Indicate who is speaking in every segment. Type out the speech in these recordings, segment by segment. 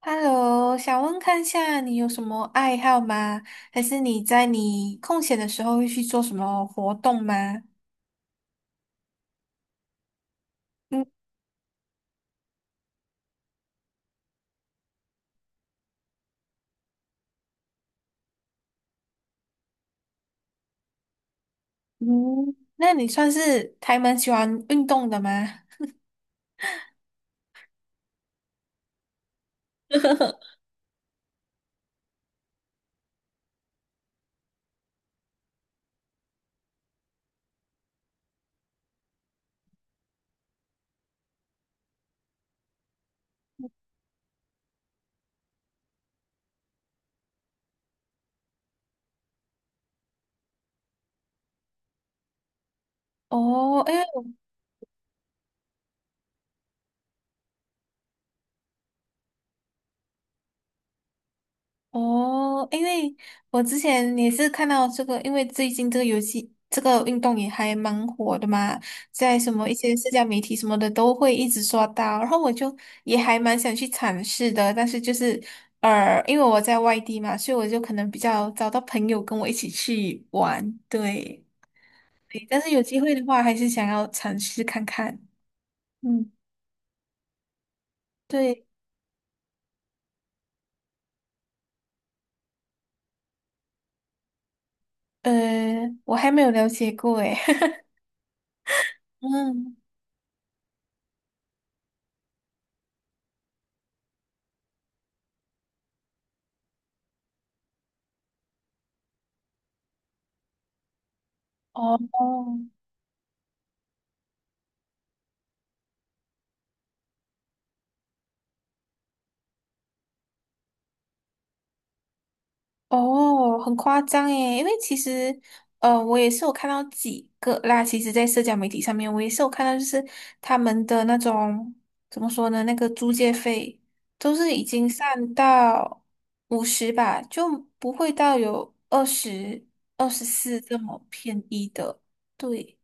Speaker 1: Hello，想问看下你有什么爱好吗？还是你在你空闲的时候会去做什么活动吗？嗯嗯，那你算是还蛮喜欢运动的吗？哦，哦，因为我之前也是看到这个，因为最近这个游戏这个运动也还蛮火的嘛，在什么一些社交媒体什么的都会一直刷到，然后我就也还蛮想去尝试的，但是就是因为我在外地嘛，所以我就可能比较找到朋友跟我一起去玩，对，对但是有机会的话，还是想要尝试看看，嗯，对，呃，我还没有了解过，诶，嗯，哦。哦，很夸张诶，因为其实，我也是有看到几个啦。其实，在社交媒体上面，我也是有看到，就是他们的那种怎么说呢，那个租借费都是已经上到50吧，就不会到有二十、24这么便宜的。对，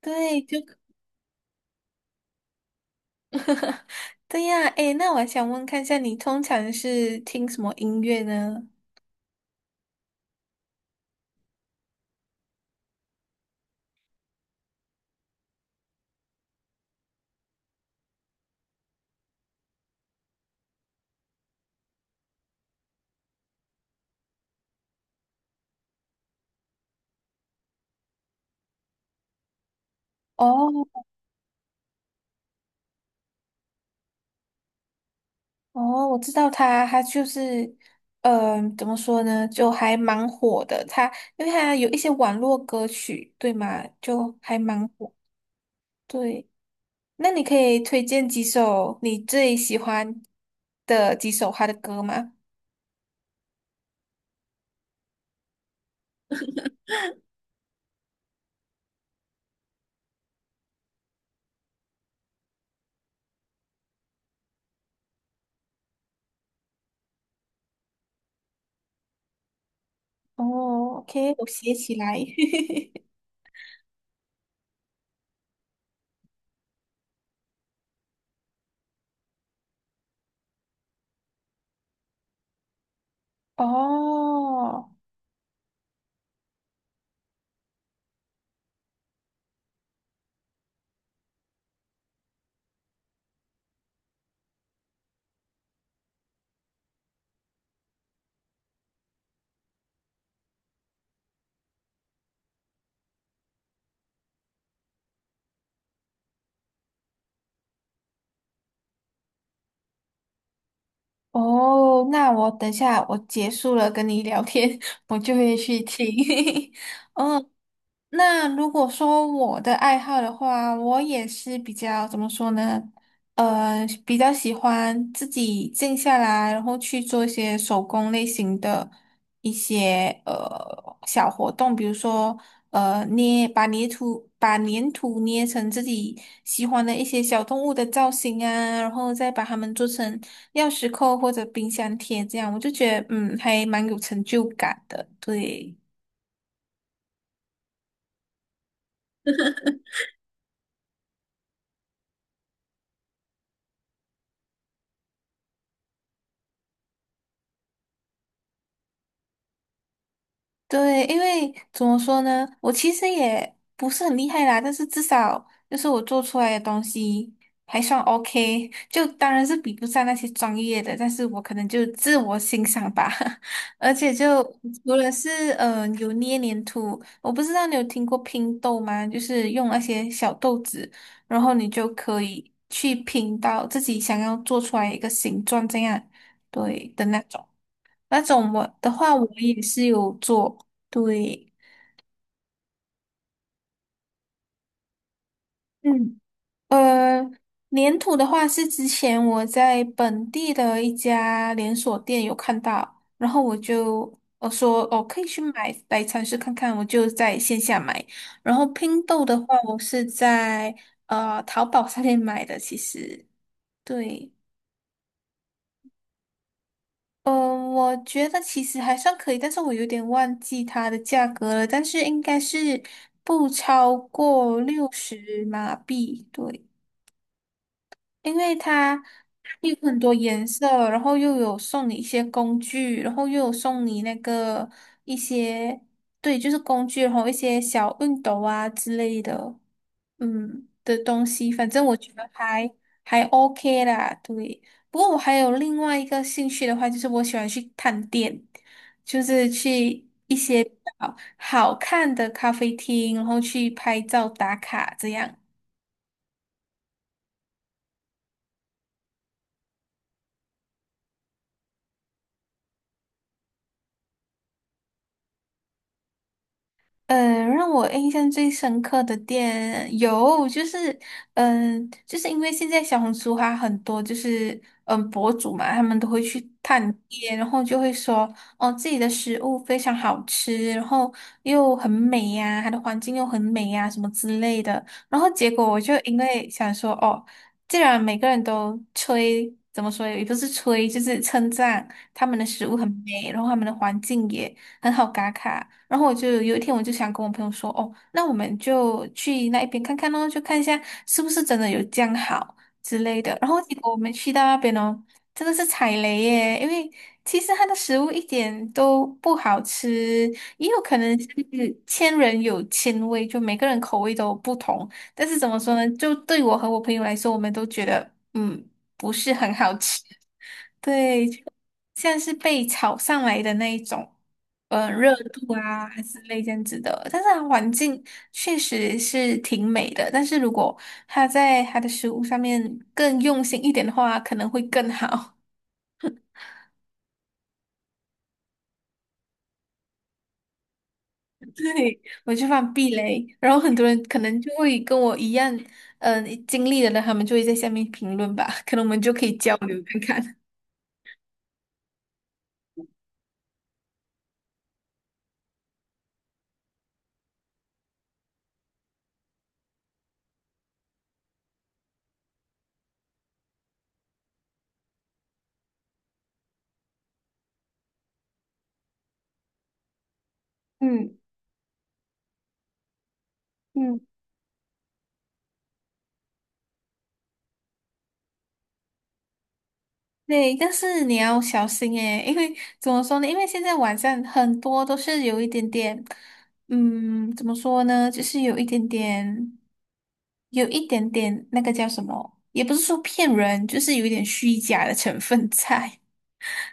Speaker 1: 对，就对呀。诶，那我还想问看一下，你通常是听什么音乐呢？哦，哦，我知道他，他就是，嗯、怎么说呢，就还蛮火的。他因为他有一些网络歌曲，对吗？就还蛮火。对，那你可以推荐几首你最喜欢的几首他的歌吗？哦，OK，我写起来。哦哦，那我等下我结束了跟你聊天，我就会去听。那如果说我的爱好的话，我也是比较怎么说呢？比较喜欢自己静下来，然后去做一些手工类型的一些小活动，比如说捏把泥土把粘土捏成自己喜欢的一些小动物的造型啊，然后再把它们做成钥匙扣或者冰箱贴，这样我就觉得嗯还蛮有成就感的，对。对，因为怎么说呢，我其实也不是很厉害啦，但是至少就是我做出来的东西还算 OK，就当然是比不上那些专业的，但是我可能就自我欣赏吧。而且就除了是有捏黏土，我不知道你有听过拼豆吗？就是用那些小豆子，然后你就可以去拼到自己想要做出来一个形状这样，对的那种。那种我的话，我也是有做，对，嗯，呃，粘土的话是之前我在本地的一家连锁店有看到，然后我就我说哦可以去买来尝试看看，我就在线下买。然后拼豆的话，我是在淘宝上面买的，其实对。嗯，我觉得其实还算可以，但是我有点忘记它的价格了，但是应该是不超过60马币，对。因为它有很多颜色，然后又有送你一些工具，然后又有送你那个一些，对，就是工具，然后一些小熨斗啊之类的，嗯的东西，反正我觉得还 OK 啦，对。不过我还有另外一个兴趣的话，就是我喜欢去探店，就是去一些比较好看的咖啡厅，然后去拍照打卡这样。嗯，让我印象最深刻的店有，就是，嗯，就是因为现在小红书还很多，就是嗯博主嘛，他们都会去探店，然后就会说，哦，自己的食物非常好吃，然后又很美呀、它的环境又很美呀、什么之类的。然后结果我就因为想说，哦，既然每个人都吹，怎么说也不是吹，就是称赞他们的食物很美，然后他们的环境也。很好打卡。然后我就有一天我就想跟我朋友说，哦，那我们就去那一边看看哦，就看一下是不是真的有这样好之类的。然后结果我们去到那边哦，真的是踩雷耶，因为其实它的食物一点都不好吃，也有可能是千人有千味，就每个人口味都不同。但是怎么说呢，就对我和我朋友来说，我们都觉得嗯不是很好吃，对，就像是被炒上来的那一种。嗯，热度啊，还是类这样子的。但是它环境确实是挺美的，但是如果它在它的食物上面更用心一点的话，可能会更好。对，我就放避雷，然后很多人可能就会跟我一样，嗯、经历的人，他们就会在下面评论吧，可能我们就可以交流看看。嗯嗯。对，但是你要小心诶，因为怎么说呢？因为现在网上很多都是有一点点，嗯，怎么说呢？就是有一点点，有一点点那个叫什么？也不是说骗人，就是有一点虚假的成分在。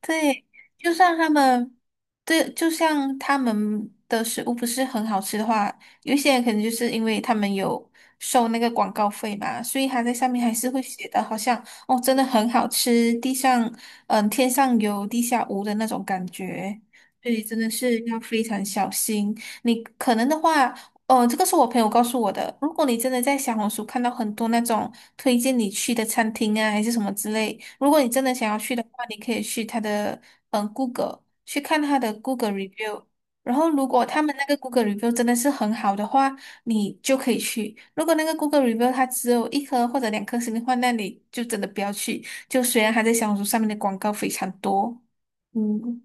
Speaker 1: 对，就算他们，对，就像他们的食物不是很好吃的话，有一些人可能就是因为他们有收那个广告费嘛，所以他在上面还是会写的，好像哦，真的很好吃，地上嗯天上有地下无的那种感觉。所以真的是要非常小心。你可能的话，哦，这个是我朋友告诉我的。如果你真的在小红书看到很多那种推荐你去的餐厅啊，还是什么之类，如果你真的想要去的话，你可以去他的嗯 Google 去看他的 Google review。然后，如果他们那个 Google review 真的是很好的话，你就可以去。如果那个 Google review 它只有一颗或者两颗星的话，那你就真的不要去。就虽然它在小红书上面的广告非常多，嗯。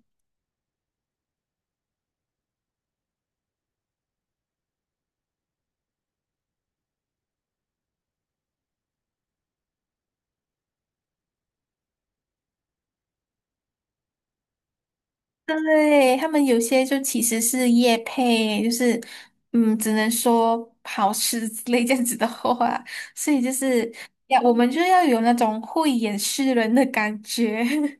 Speaker 1: 对，他们有些就其实是业配，就是嗯，只能说好吃之类这样子的话，所以就是要我们就要有那种慧眼识人的感觉。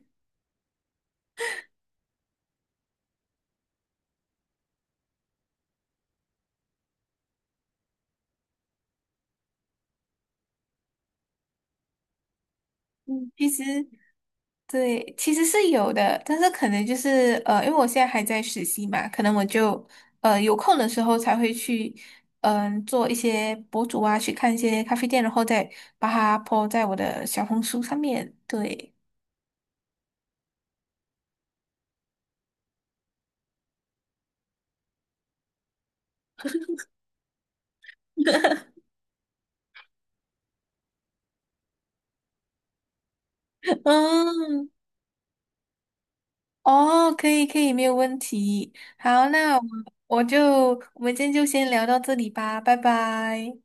Speaker 1: 嗯，其实对，其实是有的，但是可能就是因为我现在还在实习嘛，可能我就有空的时候才会去嗯、做一些博主啊，去看一些咖啡店，然后再把它 po 在我的小红书上面。对，嗯。哦，可以可以，没有问题。好，那我们今天就先聊到这里吧，拜拜。